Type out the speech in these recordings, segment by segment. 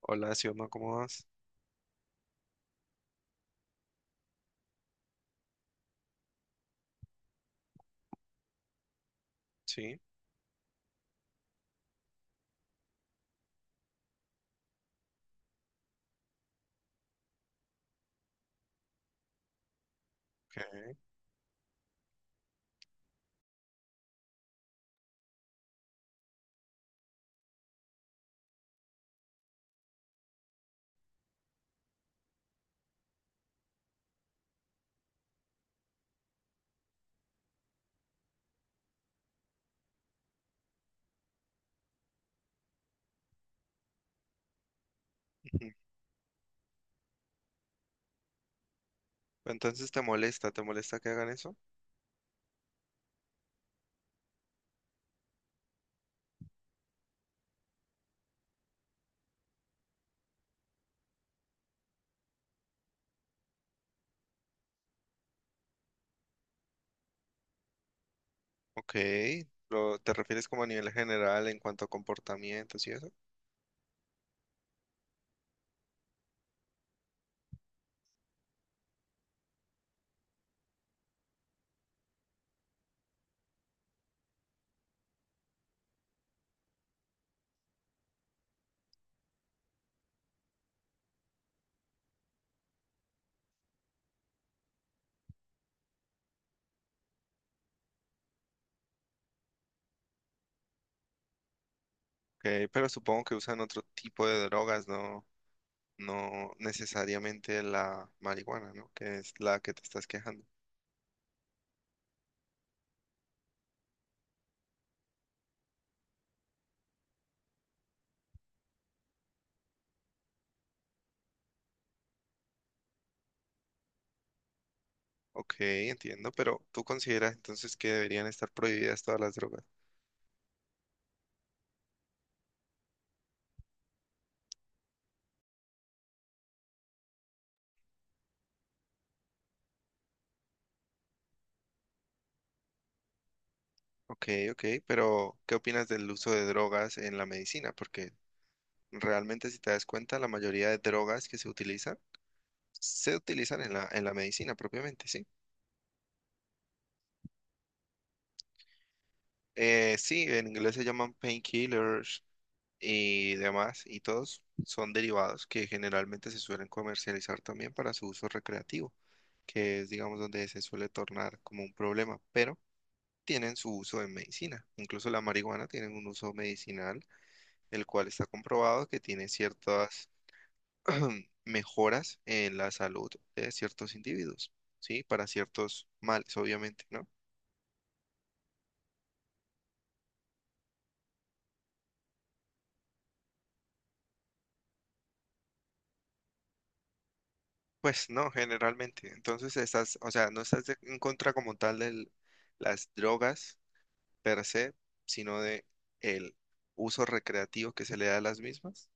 Hola, Sioma, ¿cómo vas? Sí, ok. Ujú. Entonces, ¿te molesta? ¿Te molesta que hagan eso? Ok. ¿Te refieres como a nivel general en cuanto a comportamientos y eso? Ok, pero supongo que usan otro tipo de drogas, no necesariamente la marihuana, ¿no? Que es la que te estás quejando. Ok, entiendo, pero ¿tú consideras entonces que deberían estar prohibidas todas las drogas? Ok, ok, pero ¿qué opinas del uso de drogas en la medicina? Porque realmente si te das cuenta, la mayoría de drogas que se utilizan en la medicina propiamente, ¿sí? Sí, en inglés se llaman painkillers y demás, y todos son derivados que generalmente se suelen comercializar también para su uso recreativo, que es, digamos, donde se suele tornar como un problema, pero tienen su uso en medicina. Incluso la marihuana tiene un uso medicinal, el cual está comprobado que tiene ciertas mejoras en la salud de ciertos individuos, ¿sí? Para ciertos males, obviamente, ¿no? Pues no, generalmente. Entonces estás, o sea, no estás en contra como tal de las drogas per se, sino de el uso recreativo que se le da a las mismas.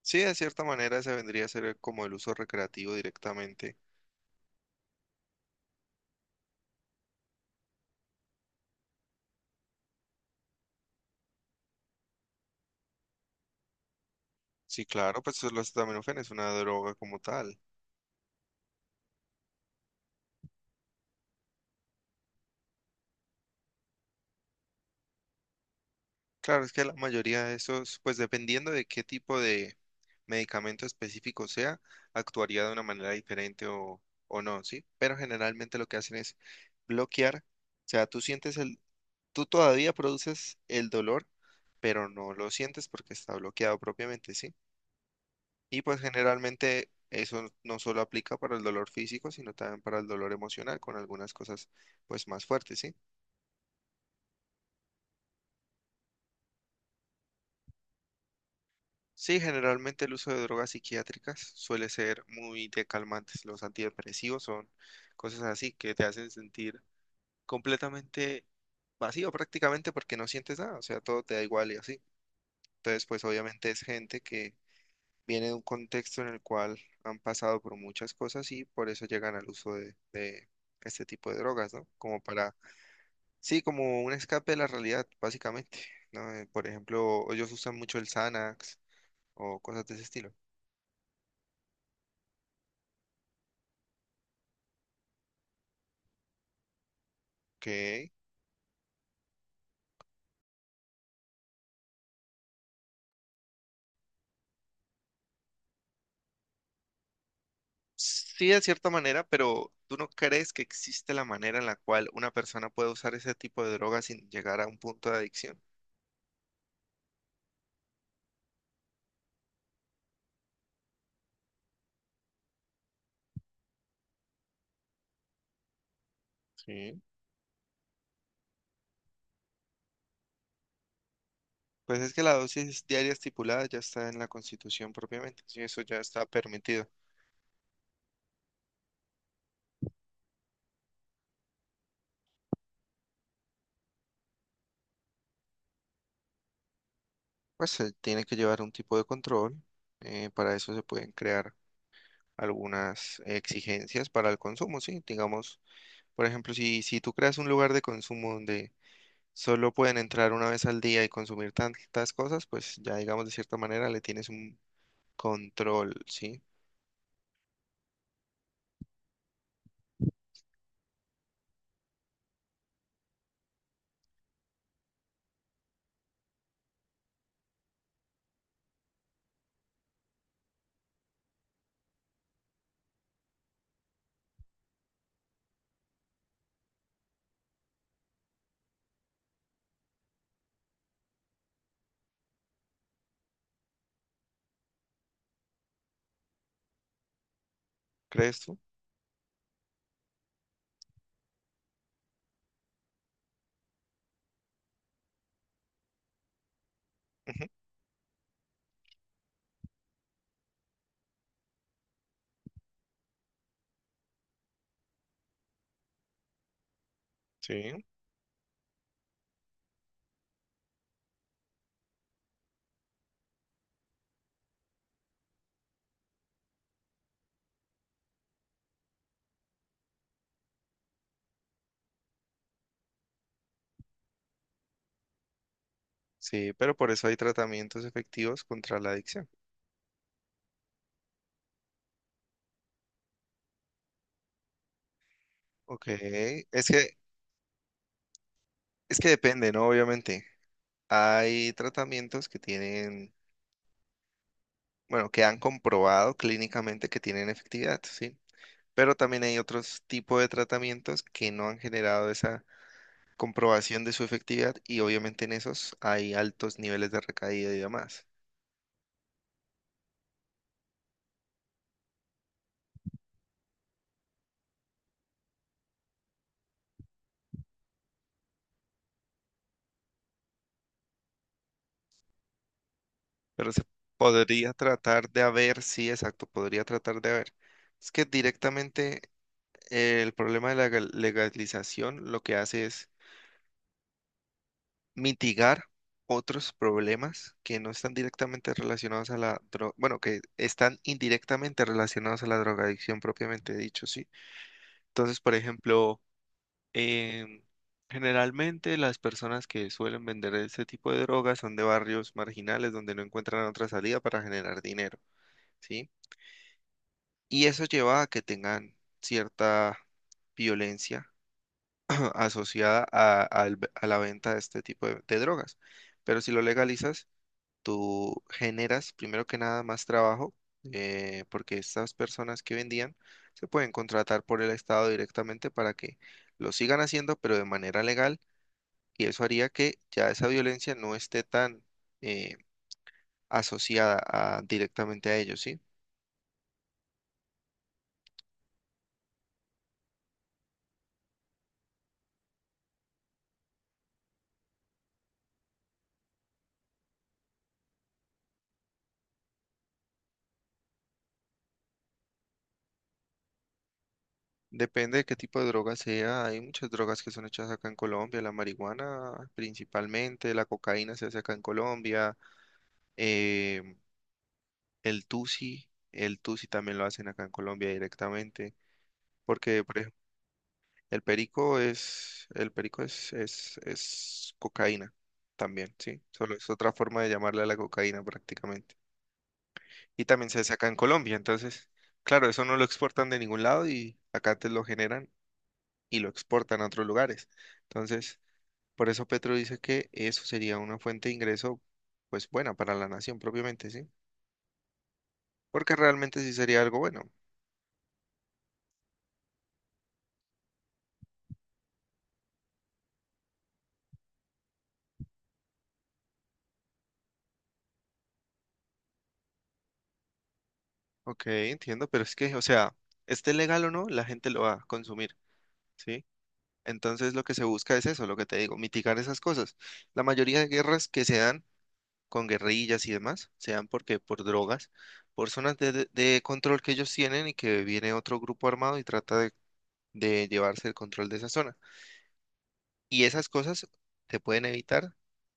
Sí, de cierta manera se vendría a ser como el uso recreativo directamente. Sí, claro, pues los acetaminofén es una droga como tal. Claro, es que la mayoría de esos, pues dependiendo de qué tipo de medicamento específico sea, actuaría de una manera diferente o no, ¿sí? Pero generalmente lo que hacen es bloquear, o sea, tú todavía produces el dolor, pero no lo sientes porque está bloqueado propiamente, ¿sí? Y pues generalmente eso no solo aplica para el dolor físico, sino también para el dolor emocional, con algunas cosas pues más fuertes, ¿sí? Sí, generalmente el uso de drogas psiquiátricas suele ser muy de calmantes. Los antidepresivos son cosas así que te hacen sentir completamente vacío prácticamente porque no sientes nada, o sea, todo te da igual y así. Entonces, pues obviamente es gente que viene de un contexto en el cual han pasado por muchas cosas y por eso llegan al uso de este tipo de drogas, ¿no? Como para, sí, como un escape de la realidad, básicamente, ¿no? Por ejemplo, ellos usan mucho el Xanax o cosas de ese estilo. Ok. Sí, de cierta manera, pero ¿tú no crees que existe la manera en la cual una persona puede usar ese tipo de droga sin llegar a un punto de adicción? Sí. Pues es que la dosis diaria estipulada ya está en la Constitución propiamente, sí, eso ya está permitido. Pues se tiene que llevar un tipo de control, para eso se pueden crear algunas exigencias para el consumo, sí. Digamos, por ejemplo, si tú creas un lugar de consumo donde solo pueden entrar una vez al día y consumir tantas cosas, pues ya digamos de cierta manera le tienes un control, ¿sí? ¿Crees tú? Ujú. Sí. Sí, pero por eso hay tratamientos efectivos contra la adicción. Ok, es que depende, ¿no? Obviamente, hay tratamientos que tienen, bueno, que han comprobado clínicamente que tienen efectividad, ¿sí? Pero también hay otros tipos de tratamientos que no han generado esa comprobación de su efectividad y obviamente en esos hay altos niveles de recaída y demás. Pero se podría tratar de haber, sí, exacto, podría tratar de haber. Es que directamente el problema de la legalización lo que hace es mitigar otros problemas que no están directamente relacionados a la droga, bueno, que están indirectamente relacionados a la drogadicción propiamente dicho, sí. Entonces, por ejemplo, em, generalmente las personas que suelen vender este tipo de drogas son de barrios marginales donde no encuentran otra salida para generar dinero, ¿sí? Y eso lleva a que tengan cierta violencia asociada al a la venta de este tipo de drogas. Pero si lo legalizas, tú generas primero que nada más trabajo, porque estas personas que vendían se pueden contratar por el Estado directamente para que lo sigan haciendo, pero de manera legal. Y eso haría que ya esa violencia no esté tan eh, directamente a ellos, ¿sí? Depende de qué tipo de droga sea. Hay muchas drogas que son hechas acá en Colombia. La marihuana principalmente, la cocaína se hace acá en Colombia. em, el tusi también lo hacen acá en Colombia directamente. Porque, por ejemplo, el perico es cocaína también, ¿sí? Solo es otra forma de llamarle a la cocaína prácticamente. Y también se hace acá en Colombia. Entonces, claro, eso no lo exportan de ningún lado y acá te lo generan y lo exportan a otros lugares. Entonces, por eso Petro dice que eso sería una fuente de ingreso, pues buena para la nación propiamente, ¿sí? Porque realmente sí sería algo bueno. Ok, entiendo, pero es que, o sea, esté legal o no, la gente lo va a consumir, ¿sí? Entonces lo que se busca es eso, lo que te digo, mitigar esas cosas. La mayoría de guerras que se dan con guerrillas y demás, se dan porque por drogas, por zonas de control que ellos tienen y que viene otro grupo armado y trata de llevarse el control de esa zona. Y esas cosas se pueden evitar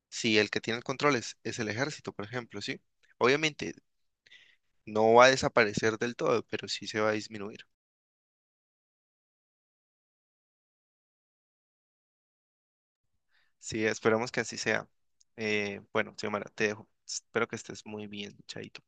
si el que tiene el control es el ejército, por ejemplo, ¿sí? Obviamente no va a desaparecer del todo, pero sí se va a disminuir. Sí, esperamos que así sea. Bueno, Xiomara, te dejo. Espero que estés muy bien, chaito.